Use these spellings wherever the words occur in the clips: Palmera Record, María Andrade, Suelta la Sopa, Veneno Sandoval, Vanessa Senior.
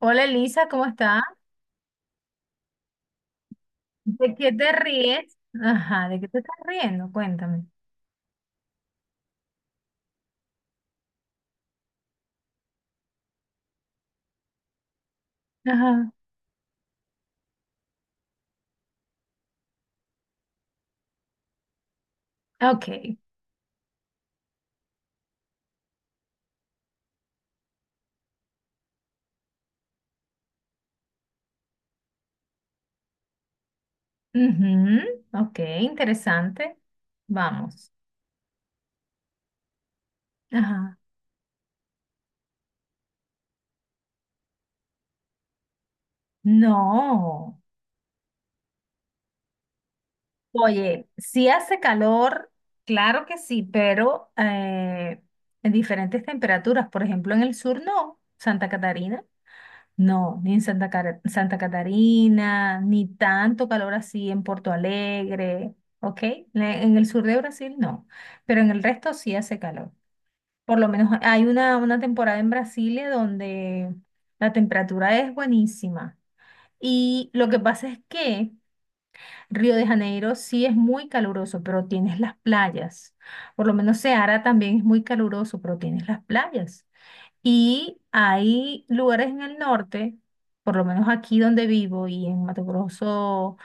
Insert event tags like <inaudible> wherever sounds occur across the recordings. Hola Elisa, ¿cómo estás? ¿De qué te ríes? Ajá, ¿de qué te estás riendo? Cuéntame. Ajá. Ok. Ujú, ok, interesante. Vamos. Ajá. No. Oye, sí hace calor, claro que sí, pero en diferentes temperaturas. Por ejemplo, en el sur no. Santa Catarina. No, ni en Santa Catarina, ni tanto calor así en Porto Alegre, ¿ok? En el sur de Brasil no, pero en el resto sí hace calor. Por lo menos hay una temporada en Brasilia donde la temperatura es buenísima. Y lo que pasa es que Río de Janeiro sí es muy caluroso, pero tienes las playas. Por lo menos Ceará también es muy caluroso, pero tienes las playas. Y hay lugares en el norte, por lo menos aquí donde vivo y en Mato Grosso,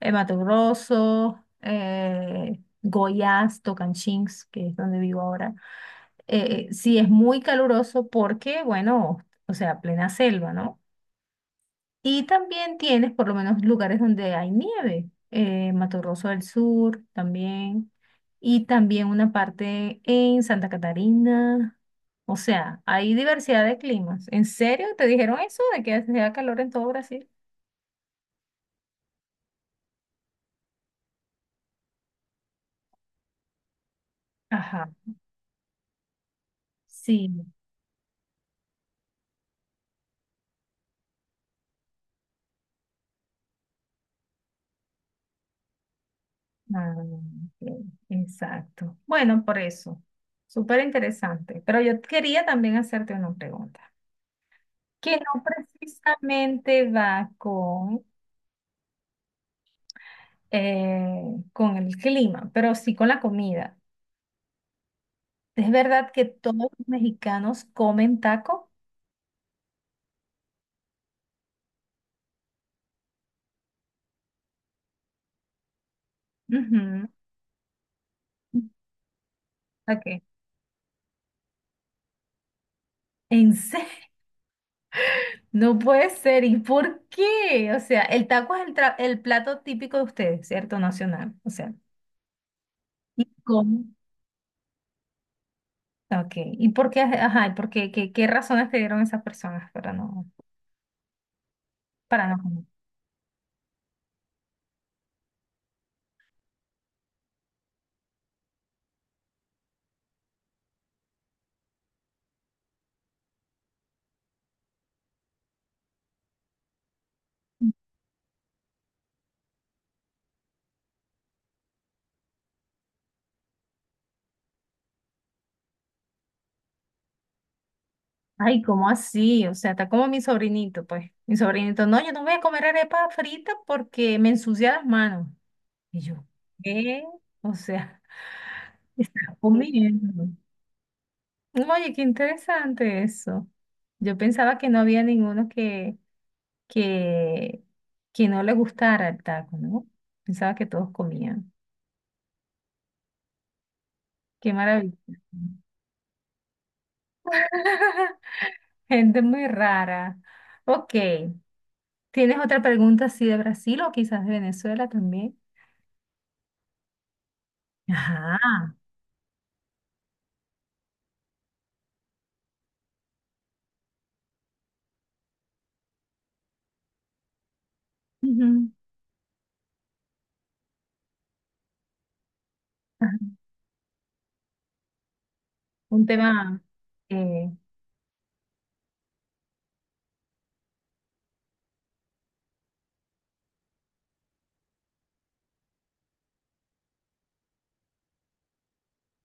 Goiás, Tocantins, que es donde vivo ahora. Sí es muy caluroso porque, bueno, o sea, plena selva, ¿no? Y también tienes por lo menos lugares donde hay nieve, Mato Grosso del Sur también, y también una parte en Santa Catarina. O sea, hay diversidad de climas. ¿En serio te dijeron eso de que hacía calor en todo Brasil? Ajá, sí. Ah, ok, exacto. Bueno, por eso. Súper interesante. Pero yo quería también hacerte una pregunta, que no precisamente va con el clima, pero sí con la comida. ¿Es verdad que todos los mexicanos comen taco? Ujú. Ok. ¿En serio? <laughs> No puede ser. ¿Y por qué? O sea, el taco es el plato típico de ustedes, ¿cierto? Nacional. O sea, ¿y cómo? Ok. ¿Y por qué? Ajá, ¿y por qué? ¿Qué razones te dieron esas personas para no comer? Ay, ¿cómo así? O sea, está como mi sobrinito, pues. Mi sobrinito, no, yo no voy a comer arepa frita porque me ensucia las manos. Y yo, ¿qué? O sea, <laughs> estás comiendo. Oye, qué interesante eso. Yo pensaba que no había ninguno que, que no le gustara el taco, ¿no? Pensaba que todos comían. Qué maravilla. <laughs> Gente muy rara. Ok. ¿Tienes otra pregunta así de Brasil o quizás de Venezuela también? Ajá. Ujú. Ajá. Un tema. eh,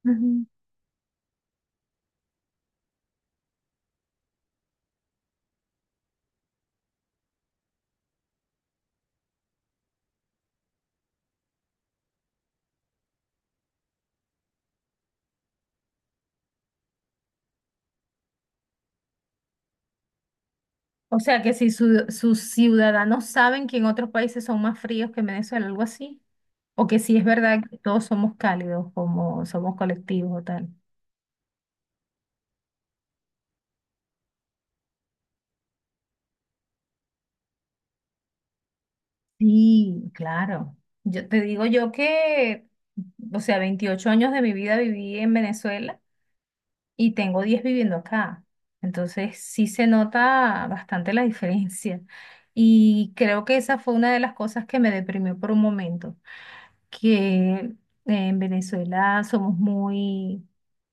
ujú. O sea que si sus ciudadanos saben que en otros países son más fríos que en Venezuela, algo así, o que si es verdad que todos somos cálidos, como somos colectivos o tal. Sí, claro. Yo te digo yo que, o sea, 28 años de mi vida viví en Venezuela y tengo 10 viviendo acá. Entonces sí se nota bastante la diferencia. Y creo que esa fue una de las cosas que me deprimió por un momento, que en Venezuela somos muy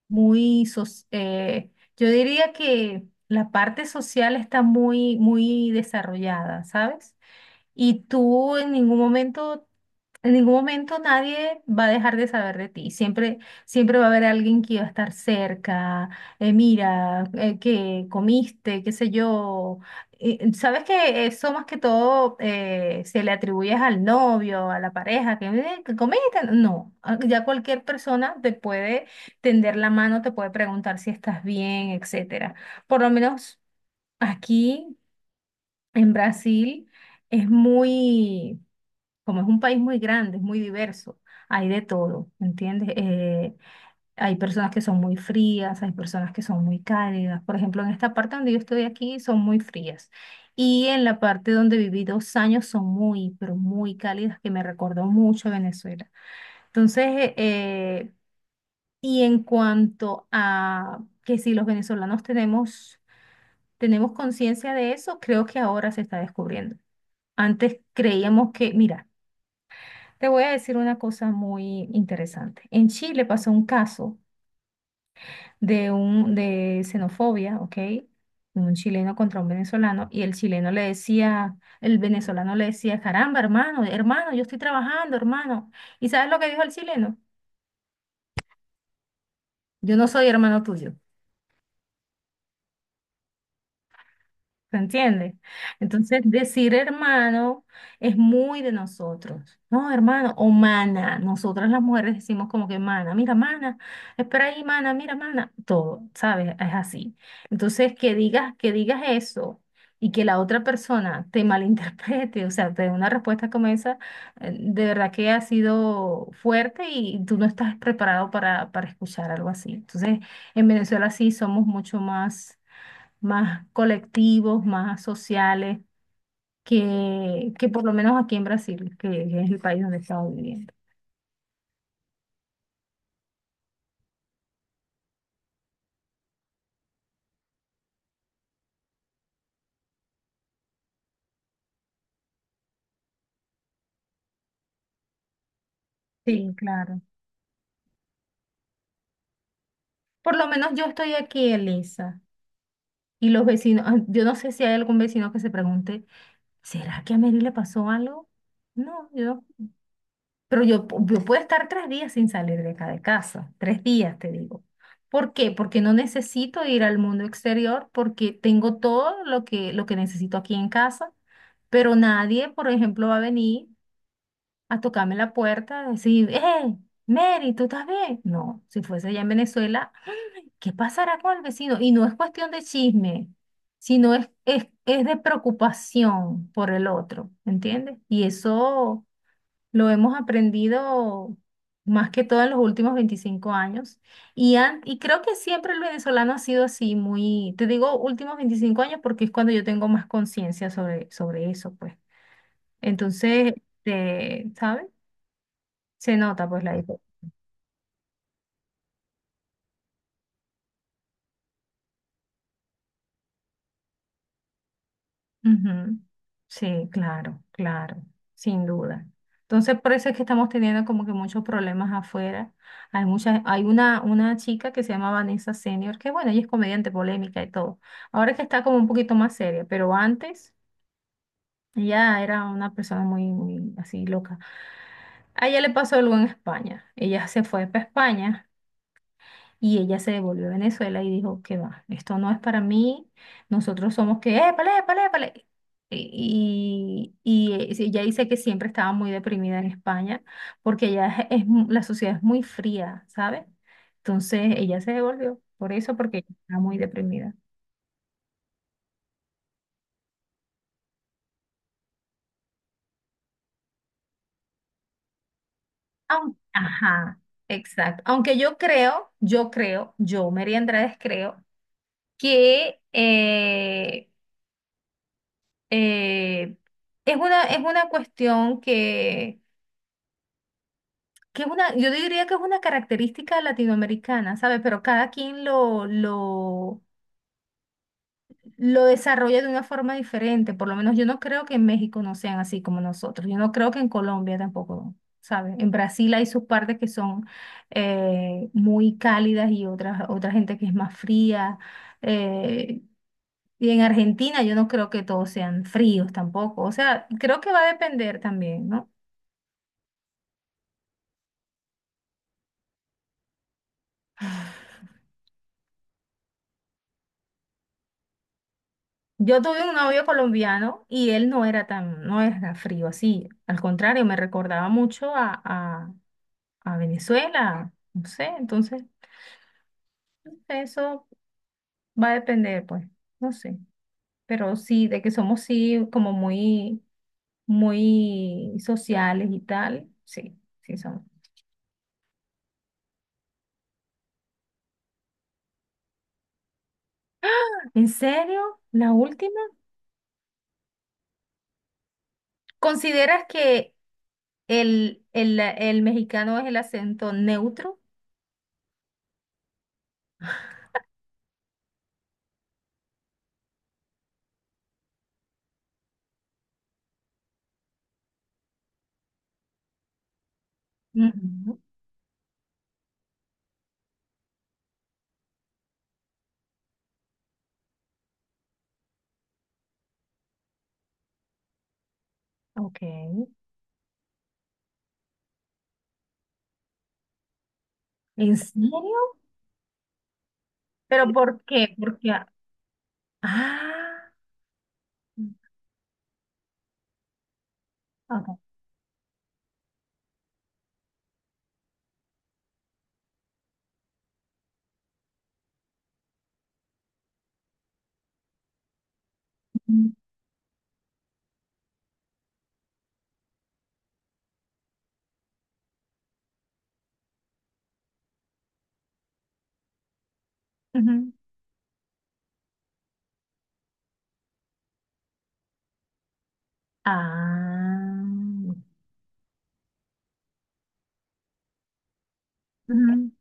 muy, soc- yo diría que la parte social está muy, muy desarrollada, ¿sabes? Y tú en ningún momento nadie va a dejar de saber de ti. Siempre, siempre va a haber alguien que va a estar cerca. Mira, que comiste, qué sé yo. Y, sabes que eso más que todo se le atribuye al novio, a la pareja, que comiste. No, ah, ya cualquier persona te puede tender la mano, te puede preguntar si estás bien, etcétera. Por lo menos aquí en Brasil es muy como es un país muy grande, es muy diverso, hay de todo, ¿entiendes? Hay personas que son muy frías, hay personas que son muy cálidas. Por ejemplo, en esta parte donde yo estoy aquí son muy frías. Y en la parte donde viví 2 años son muy, pero muy cálidas, que me recordó mucho a Venezuela. Entonces, y en cuanto a que si los venezolanos tenemos conciencia de eso, creo que ahora se está descubriendo. Antes creíamos que, mira, te voy a decir una cosa muy interesante. En Chile pasó un caso de xenofobia, ¿ok? Un chileno contra un venezolano y el venezolano le decía, caramba, hermano, hermano, yo estoy trabajando, hermano. ¿Y sabes lo que dijo el chileno? Yo no soy hermano tuyo. ¿Se entiende? Entonces, decir hermano es muy de nosotros, ¿no? Hermano o mana. Nosotras las mujeres decimos como que mana, mira, mana, espera ahí, mana, mira, mana. Todo, ¿sabes? Es así. Entonces, que digas eso y que la otra persona te <laughs> malinterprete, o sea, te dé una respuesta como esa, de verdad que ha sido fuerte y tú no estás preparado para escuchar algo así. Entonces, en Venezuela sí somos mucho más colectivos, más sociales, que por lo menos aquí en Brasil, que es el país donde estamos viviendo. Sí, claro. Por lo menos yo estoy aquí, Elisa, y los vecinos, ah, yo no sé si hay algún vecino que se pregunte, ¿será que a Mary le pasó algo? No, yo, pero yo, pu- yo puedo estar 3 días sin salir de acá de casa, 3 días te digo. ¿Por qué? Porque no necesito ir al mundo exterior, porque tengo todo lo que necesito aquí en casa, pero nadie, por ejemplo, va a venir a tocarme la puerta, a decir, ¡eh, Mary, ¿tú estás bien? No, si fuese allá en Venezuela, ¿qué pasará con el vecino? Y no es cuestión de chisme, sino es de preocupación por el otro, ¿entiendes? Y eso lo hemos aprendido más que todo en los últimos 25 años. Y creo que siempre el venezolano ha sido así, muy, te digo últimos 25 años porque es cuando yo tengo más conciencia sobre eso, pues. Entonces, este, ¿sabes? Se nota pues la diferencia. Ujú. Sí, claro, claro, sin duda. Entonces, por eso es que estamos teniendo como que muchos problemas afuera. Hay una chica que se llama Vanessa Senior, que bueno, ella es comediante polémica y todo. Ahora es que está como un poquito más seria, pero antes ella era una persona muy, muy así loca. A ella le pasó algo en España. Ella se fue para España. Y ella se devolvió a Venezuela y dijo, que va, esto no es para mí, nosotros somos que, épale, épale, épale. Y sí, ella dice que siempre estaba muy deprimida en España porque ella es mu- la sociedad es muy fría, ¿sabes? Entonces ella se devolvió por eso, porque ella estaba muy deprimida. Ajá, exacto. Aunque yo, María Andrade, creo que eh, es una cuestión, yo diría que es una característica latinoamericana, ¿sabes? Pero cada quien lo desarrolla de una forma diferente. Por lo menos yo no creo que en México no sean así como nosotros. Yo no creo que en Colombia tampoco, ¿sabes? En Brasil hay sus partes que son muy cálidas y otras, otra gente que es más fría. eh, y en Argentina yo no creo que todos sean fríos tampoco. O sea, creo que va a depender también, ¿no? Yo tuve un novio colombiano y él no era tan, no era frío así. Al contrario, me recordaba mucho a Venezuela. No sé, entonces eso va a depender, pues, no sé. Pero sí, de que somos sí como muy, muy sociales y tal. Sí, sí somos. ¿En serio? ¿La última? ¿Consideras que el mexicano es el acento neutro? Ujú. Ok. ¿En serio? ¿Pero por qué? Porque, ah, ah, ok. Ujú. Ah, ujú.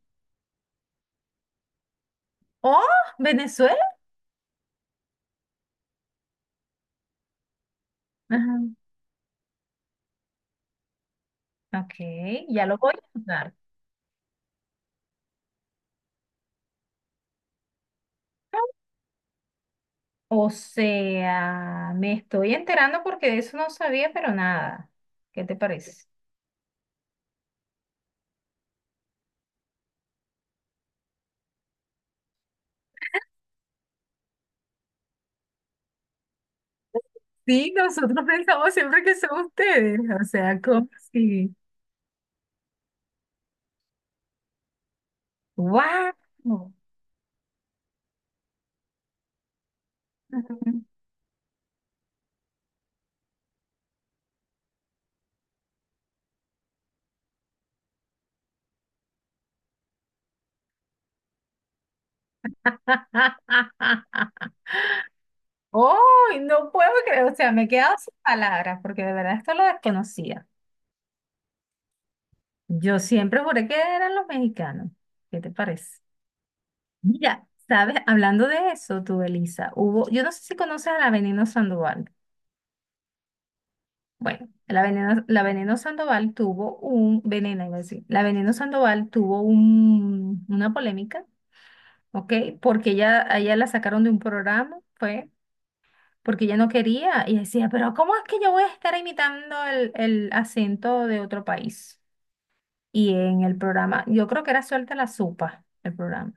Oh, Venezuela. Ajá. Ok, ya lo voy a anotar. O sea, me estoy enterando porque de eso no sabía, pero nada. ¿Qué te parece? Sí, nosotros pensamos siempre que son ustedes. O sea, ¿cómo así? ¡Wow! <laughs> Oh, no puedo creer, o sea, me he quedado sin palabras porque de verdad esto lo desconocía. Yo siempre juré que eran los mexicanos. ¿Qué te parece? Mira, sabes, hablando de eso, tú, Elisa, yo no sé si conoces a la Veneno Sandoval. Bueno, la Veneno Sandoval tuvo un, Veneno, iba a decir, la Veneno Sandoval tuvo una polémica, ¿ok? Porque ella, a ella la sacaron de un programa, fue porque ella no quería. Y decía, pero ¿cómo es que yo voy a estar imitando el acento de otro país? Y en el programa, yo creo que era Suelta la Sopa, el programa.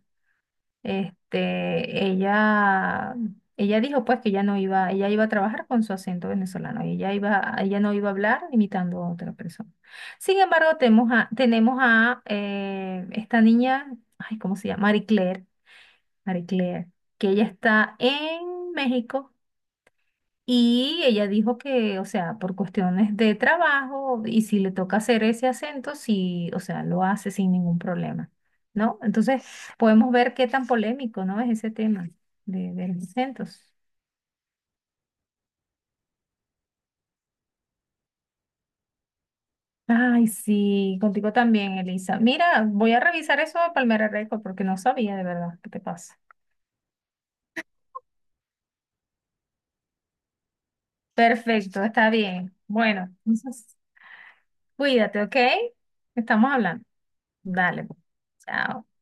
Este, ella dijo pues que ella no iba, ella iba a trabajar con su acento venezolano y ella iba, ella no iba a hablar imitando a otra persona. Sin embargo, tenemos a esta niña, ay, ¿cómo se llama? Marie Claire, Marie Claire, que ella está en México y ella dijo que, o sea, por cuestiones de trabajo y si le toca hacer ese acento, sí, o sea, lo hace sin ningún problema, ¿no? Entonces, podemos ver qué tan polémico, ¿no? Es ese tema de los acentos. Ay, sí, contigo también, Elisa. Mira, voy a revisar eso de Palmera Record porque no sabía de verdad qué te pasa. Perfecto, está bien. Bueno, entonces, cuídate, ¿ok? Estamos hablando. Dale, pues. Chao.